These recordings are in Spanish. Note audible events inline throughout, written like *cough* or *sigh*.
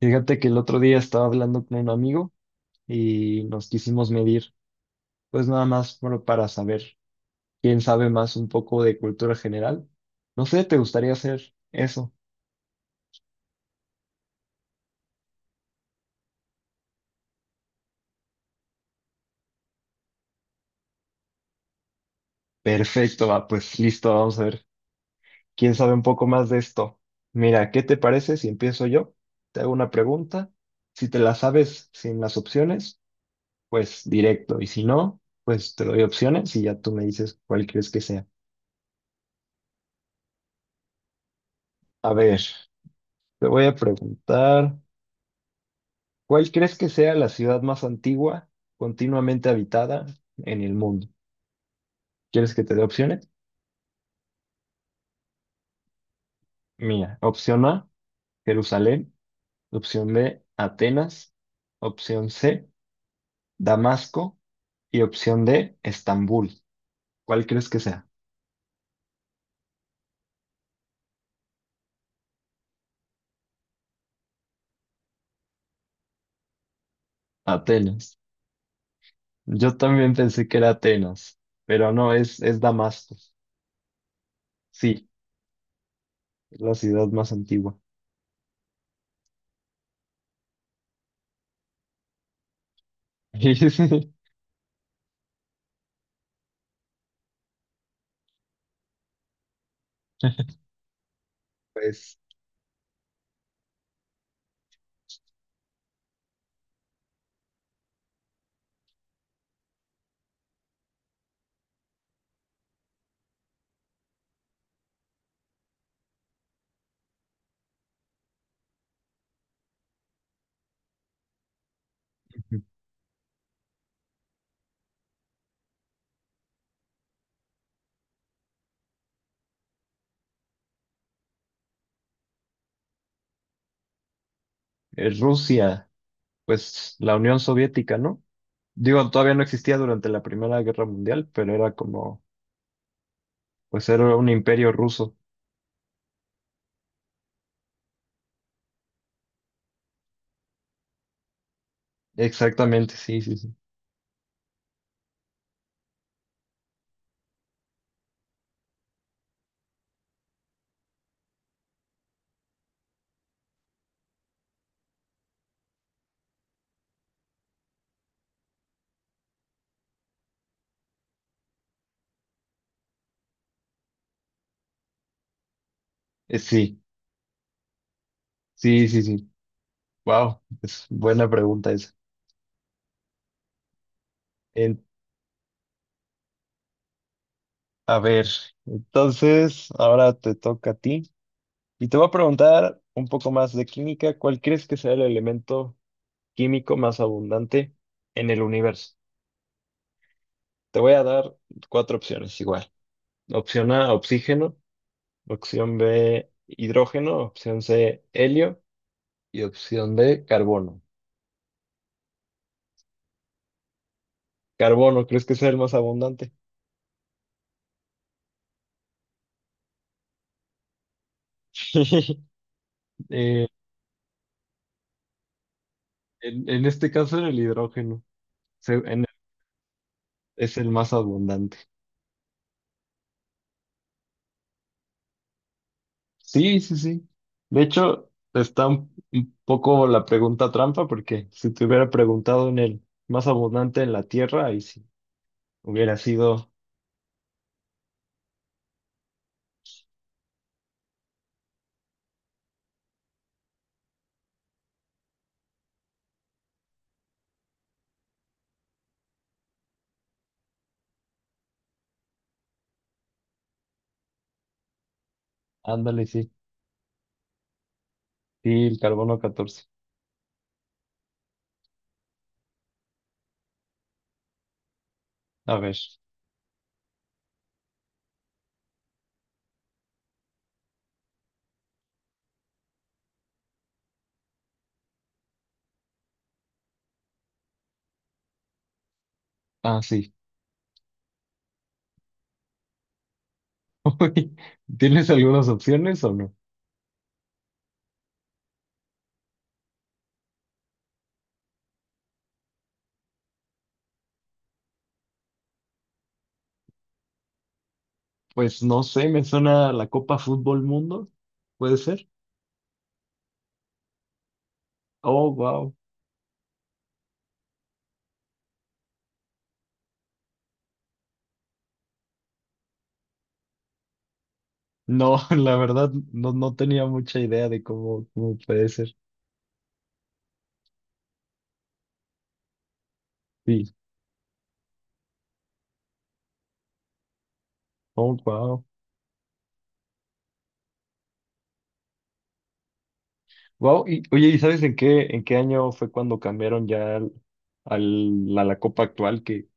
Fíjate que el otro día estaba hablando con un amigo y nos quisimos medir, pues nada más bueno, para saber quién sabe más un poco de cultura general. No sé, ¿te gustaría hacer eso? Perfecto, va, pues listo, vamos a ver quién sabe un poco más de esto. Mira, ¿qué te parece si empiezo yo? Te hago una pregunta. Si te la sabes sin las opciones, pues directo. Y si no, pues te doy opciones y ya tú me dices cuál crees que sea. A ver, te voy a preguntar. ¿Cuál crees que sea la ciudad más antigua continuamente habitada en el mundo? ¿Quieres que te dé opciones? Mira, opción A, Jerusalén, opción B, Atenas, opción C, Damasco y opción D, Estambul. ¿Cuál crees que sea? Atenas. Yo también pensé que era Atenas, pero no, es Damasco. Sí, es la ciudad más antigua. *laughs* Pues, Rusia, pues la Unión Soviética, ¿no? Digo, todavía no existía durante la Primera Guerra Mundial, pero era como, pues era un imperio ruso. Exactamente, sí, sí, sí. Sí, sí, sí, sí. Wow, es buena pregunta esa. En- a ver, entonces ahora te toca a ti. Y te voy a preguntar un poco más de química. ¿Cuál crees que sea el elemento químico más abundante en el universo? Te voy a dar cuatro opciones igual. Opción A, oxígeno. Opción B, hidrógeno. Opción C, helio. Y opción B, carbono. Carbono, ¿crees que sea el más abundante? *laughs* Eh, en este caso, en el hidrógeno. Se- en- es el más abundante. Sí, sí, sí. De hecho, está un poco la pregunta trampa, porque si te hubiera preguntado en el más abundante en la Tierra, ahí sí. Hubiera sido, ándale, sí. Sí, el carbono-14. A ver. Ah, sí. *laughs* ¿Tienes algunas opciones o no? Pues no sé, me suena la Copa Fútbol Mundo. ¿Puede ser? Oh, wow. No, *laughs* la verdad, no, no tenía mucha idea de cómo puede ser. Sí. Oh, wow. Wow. Y, oye, ¿y sabes en qué año fue cuando cambiaron ya a la copa actual? Que,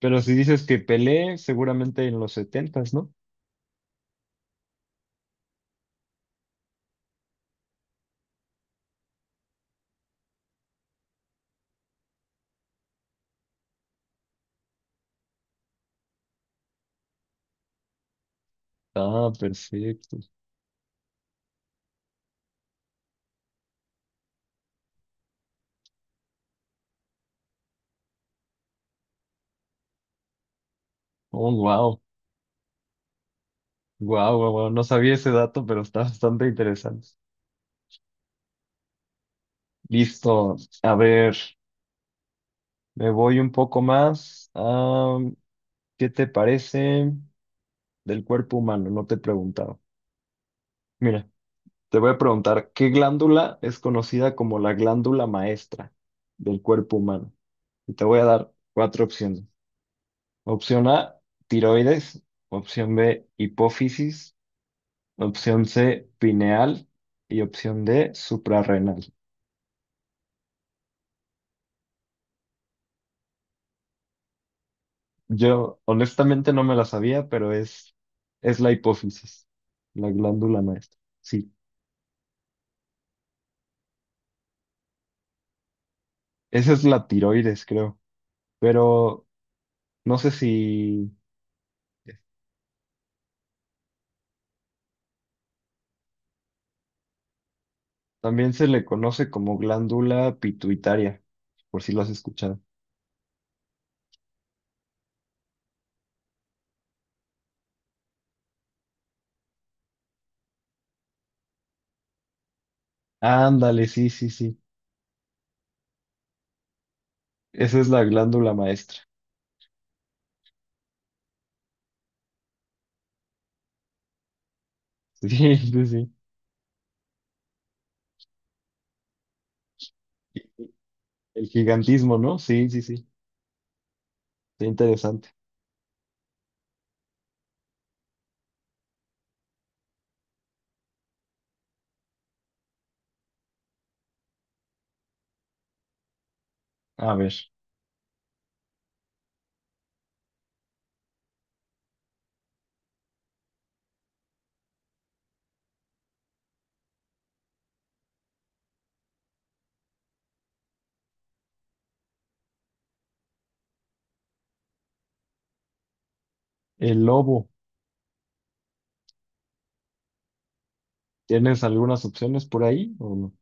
pero si dices que Pelé, seguramente en los 70, ¿no? Ah, perfecto. Oh, wow. Wow, wow, wow. No sabía ese dato, pero está bastante interesante. Listo. A ver, me voy un poco más. Ah, ¿qué te parece? Del cuerpo humano, no te he preguntado. Mira, te voy a preguntar, ¿qué glándula es conocida como la glándula maestra del cuerpo humano? Y te voy a dar cuatro opciones. Opción A, tiroides. Opción B, hipófisis. Opción C, pineal. Y opción D, suprarrenal. Yo honestamente no me la sabía, pero es la hipófisis, la glándula maestra. Sí, esa es la tiroides, creo. Pero no sé si. También se le conoce como glándula pituitaria, por si lo has escuchado. Ándale, sí, sí, sí. Esa es la glándula maestra. *laughs* Sí, sí, sí. El gigantismo, ¿no? Sí, sí, sí. Está interesante. A ver, el lobo. ¿Tienes algunas opciones por ahí o no?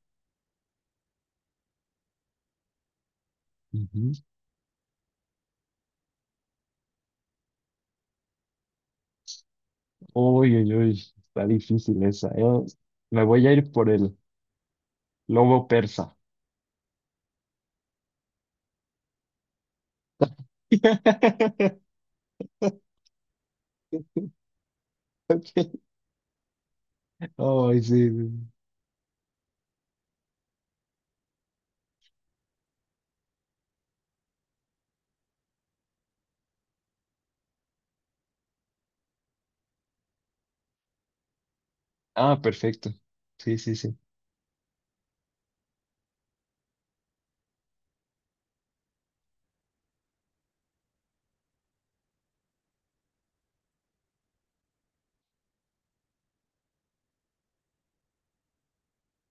Ujú. Uy, uy, uy. Está difícil esa. Yo me voy a ir por el lobo persa. *laughs* Ay, sí, sí. Ah, perfecto. Sí, sí, sí.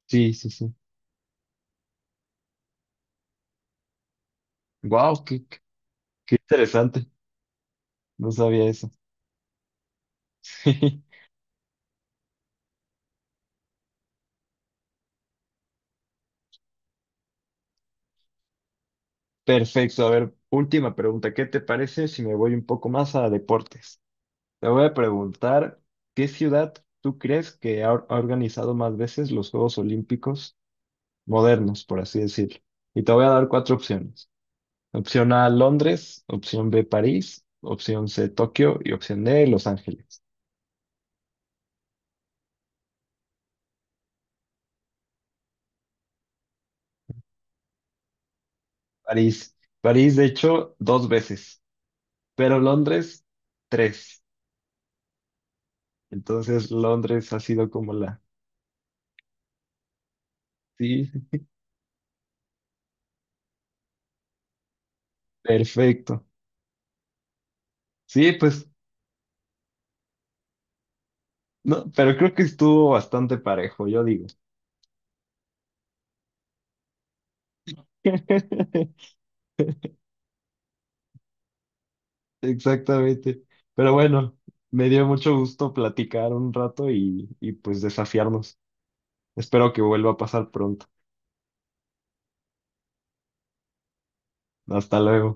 Sí, sí, sí. Wow, qué interesante, no sabía eso. *laughs* Perfecto, a ver, última pregunta. ¿Qué te parece si me voy un poco más a deportes? Te voy a preguntar, ¿qué ciudad tú crees que ha, ha organizado más veces los Juegos Olímpicos modernos, por así decirlo? Y te voy a dar cuatro opciones. Opción A, Londres, opción B, París, opción C, Tokio y opción D, Los Ángeles. París. París, de hecho, 2 veces, pero Londres, 3. Entonces, Londres ha sido como la. Sí, sí, perfecto. Sí, pues, no, pero creo que estuvo bastante parejo, yo digo. *laughs* Exactamente. Pero bueno, me dio mucho gusto platicar un rato y pues desafiarnos. Espero que vuelva a pasar pronto. Hasta luego.